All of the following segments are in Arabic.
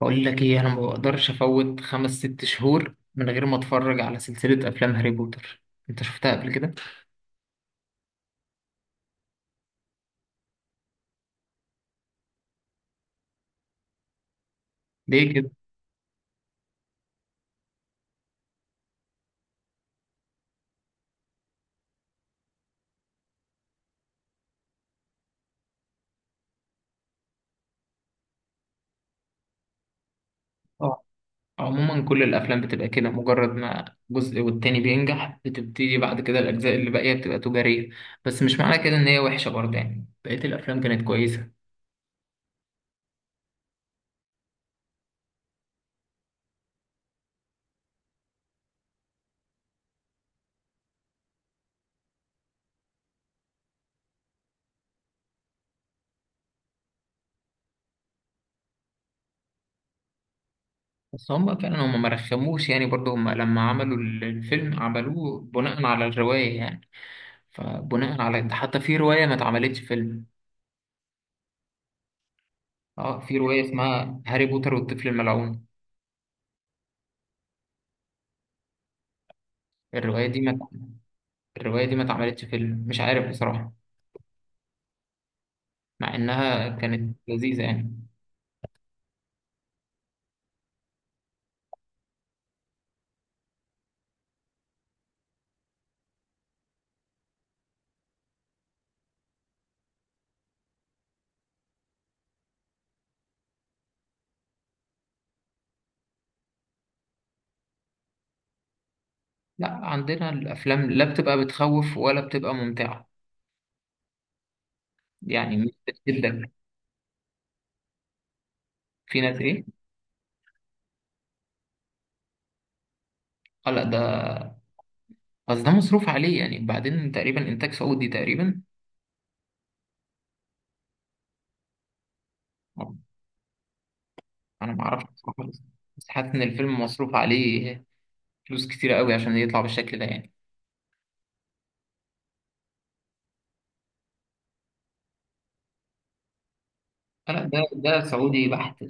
بقول لك ايه، انا ما بقدرش افوت خمس ست شهور من غير ما اتفرج على سلسلة افلام هاري بوتر. انت شفتها قبل كده؟ ليه كده؟ اه. عموما كل الافلام بتبقى كده، مجرد ما جزء والتاني بينجح بتبتدي بعد كده الاجزاء اللي باقية بتبقى تجارية. بس مش معنى كده ان هي وحشة برضه، يعني بقية الافلام كانت كويسة. بس هم فعلا هم ما رخموش يعني، برضه هم لما عملوا الفيلم عملوه بناء على الرواية يعني. فبناء على ده حتى في رواية ما اتعملتش فيلم. اه، في رواية اسمها هاري بوتر والطفل الملعون. الرواية دي ما الرواية دي ما اتعملتش فيلم، مش عارف بصراحة. مع إنها كانت لذيذة يعني. لا، عندنا الأفلام لا بتبقى بتخوف ولا بتبقى ممتعة، يعني مش بتشدك. في ناس إيه؟ آه لا، ده بس ده مصروف عليه يعني، بعدين تقريبا إنتاج سعودي تقريبا. أنا ما أعرفش بصراحة، بس بس حاسس إن الفيلم مصروف عليه فلوس كتيرة قوي عشان يطلع بالشكل ده يعني. آه لا، ده ده سعودي بحت.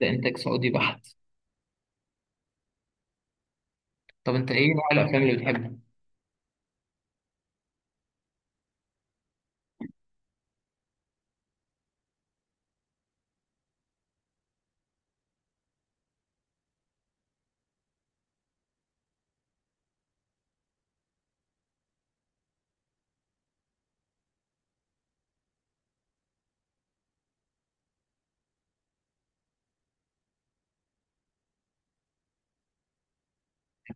ده إنتاج سعودي بحت. طب أنت إيه نوع الأفلام اللي بتحبها؟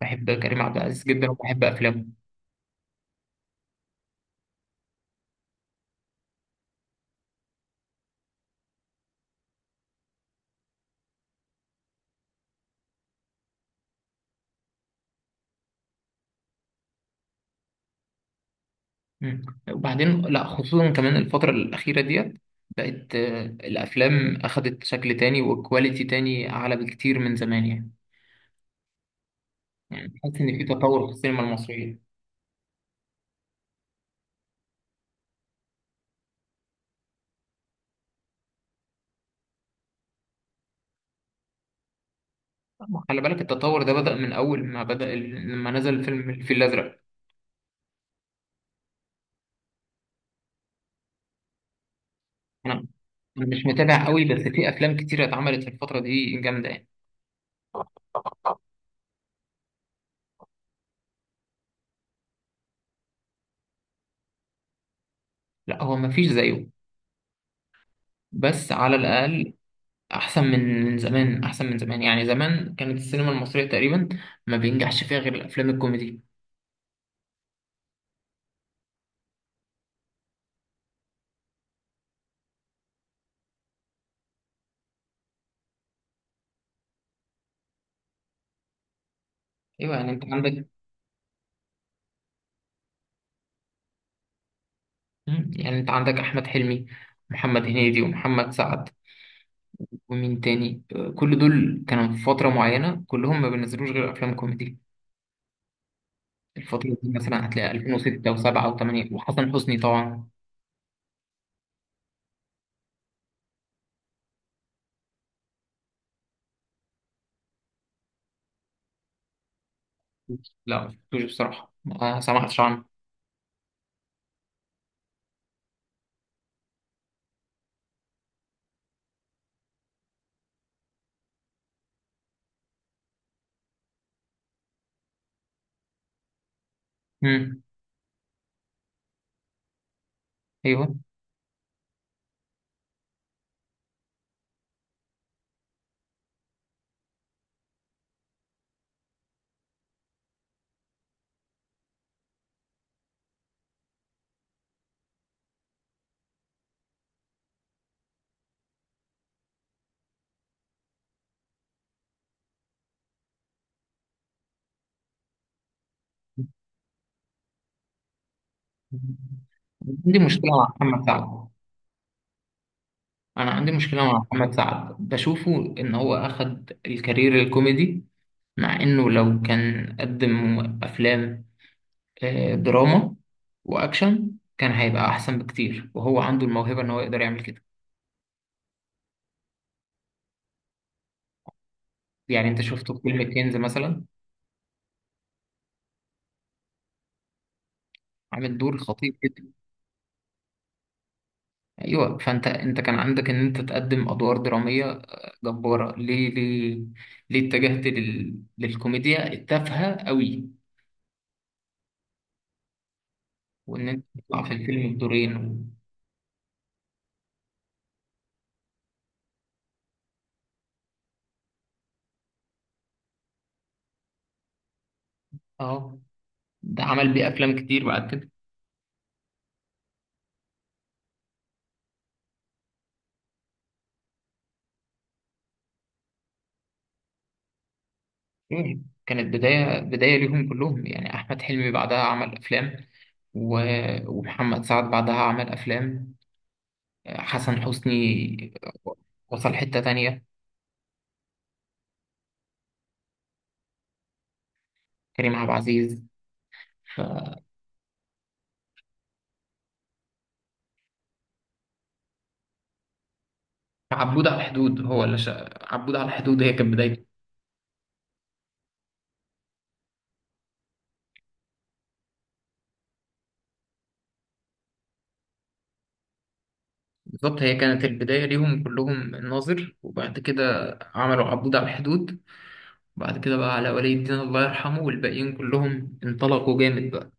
بحب كريم عبد العزيز جدا وبحب أفلامه. مم. وبعدين لا، خصوصا كمان الفترة الأخيرة ديت بقت آه، الأفلام أخدت شكل تاني وكواليتي تاني أعلى بكتير من زمان يعني. يعني تحس إن في تطور في السينما المصرية. ما خلي بالك التطور ده بدأ من أول ما بدأ لما نزل فيلم الفيل الأزرق. أنا أنا مش متابع قوي، بس في أفلام كتيرة اتعملت في الفترة دي جامدة يعني. لا هو مفيش زيه، بس على الأقل أحسن من زمان، أحسن من زمان. يعني زمان كانت السينما المصرية تقريبا ما بينجحش فيها غير الأفلام الكوميدي. ايوه، يعني انت عندك. مم. يعني انت عندك احمد حلمي، محمد هنيدي ومحمد سعد ومين تاني آه، كل دول كانوا في فتره معينه كلهم ما بينزلوش غير افلام كوميدي. الفتره دي مثلا هتلاقي 2006 و7 و8 وحسن حسني طبعا. لا ما شفتوش بصراحه، ما سمعتش عنه. مم. ايوه. عندي مشكله مع محمد سعد. انا عندي مشكله مع محمد سعد بشوفه ان هو اخد الكارير الكوميدي، مع انه لو كان قدم افلام آه، دراما واكشن كان هيبقى احسن بكتير، وهو عنده الموهبه ان هو يقدر يعمل كده. يعني انت شفته في فيلم كنز مثلا، عامل دور خطير جدا. ايوه، فانت انت كان عندك ان انت تقدم ادوار دراميه آه، جباره. ليه ليه اتجهت لل... للكوميديا التافهه قوي، وان انت تطلع في الفيلم بدورين و... اه ده عمل بيه افلام كتير بعد كده. مم. كانت بدايه ليهم كلهم يعني، احمد حلمي بعدها عمل افلام، ومحمد سعد بعدها عمل أفلام، حسن حسني. وصل حتة تانية. كريم عبد العزيز. ف- عبود على الحدود هو اللي عبود على الحدود هي كانت بدايته. بالظبط، هي كانت البداية ليهم كلهم، الناظر وبعد كده عملوا عبود على الحدود، وبعد كده بقى على ولي الدين الله يرحمه والباقيين كلهم انطلقوا جامد بقى.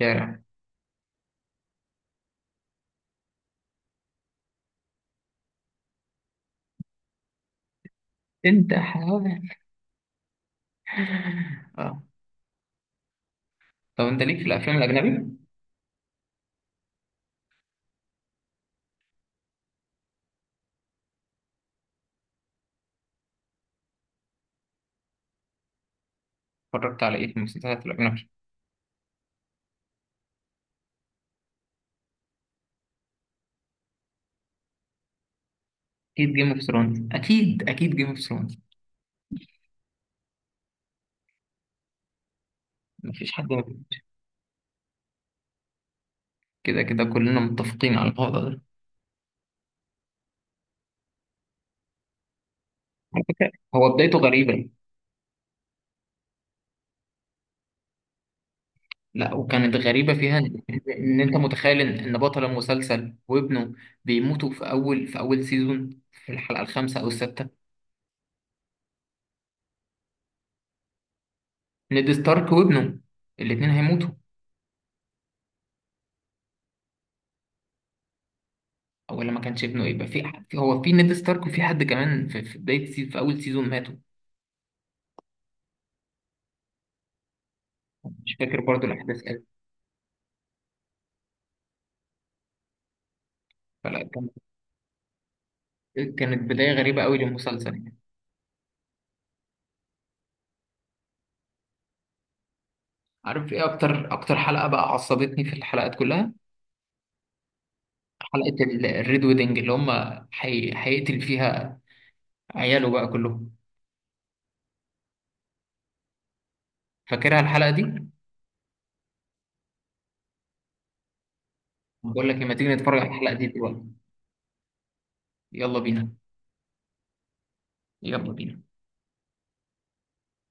شارع. انت حاول. اه. طب انت ليك في الافلام الاجنبي؟ اتفرجت على ايه في المسلسلات الاجنبي؟ اكيد جيم اوف ثرونز، اكيد، اكيد جيم اوف مفيش حد. كده كده كلنا متفقين على الوضع ده. على فكرة هو بدايته غريبة. لا، وكانت غريبة فيها إن أنت متخيل إن بطل المسلسل وابنه بيموتوا في أول سيزون في الحلقة الخامسة أو السادسة. نيد ستارك وابنه، الاتنين هيموتوا. أو ولا ما كانش ابنه، يبقى في هو في نيد ستارك وفي حد كمان في بداية في أول سيزون ماتوا. مش فاكر برضو الأحداث أوي. فلا كانت، كانت بداية غريبة أوي للمسلسل يعني. عارف إيه أكتر حلقة بقى عصبتني في الحلقات كلها؟ حلقة الريد ويدنج اللي هم هيقتل فيها عياله بقى كلهم. فاكرها الحلقة دي؟ بقول لك لما تيجي نتفرج على الحلقة دي دلوقتي. يلا بينا، يلا بينا.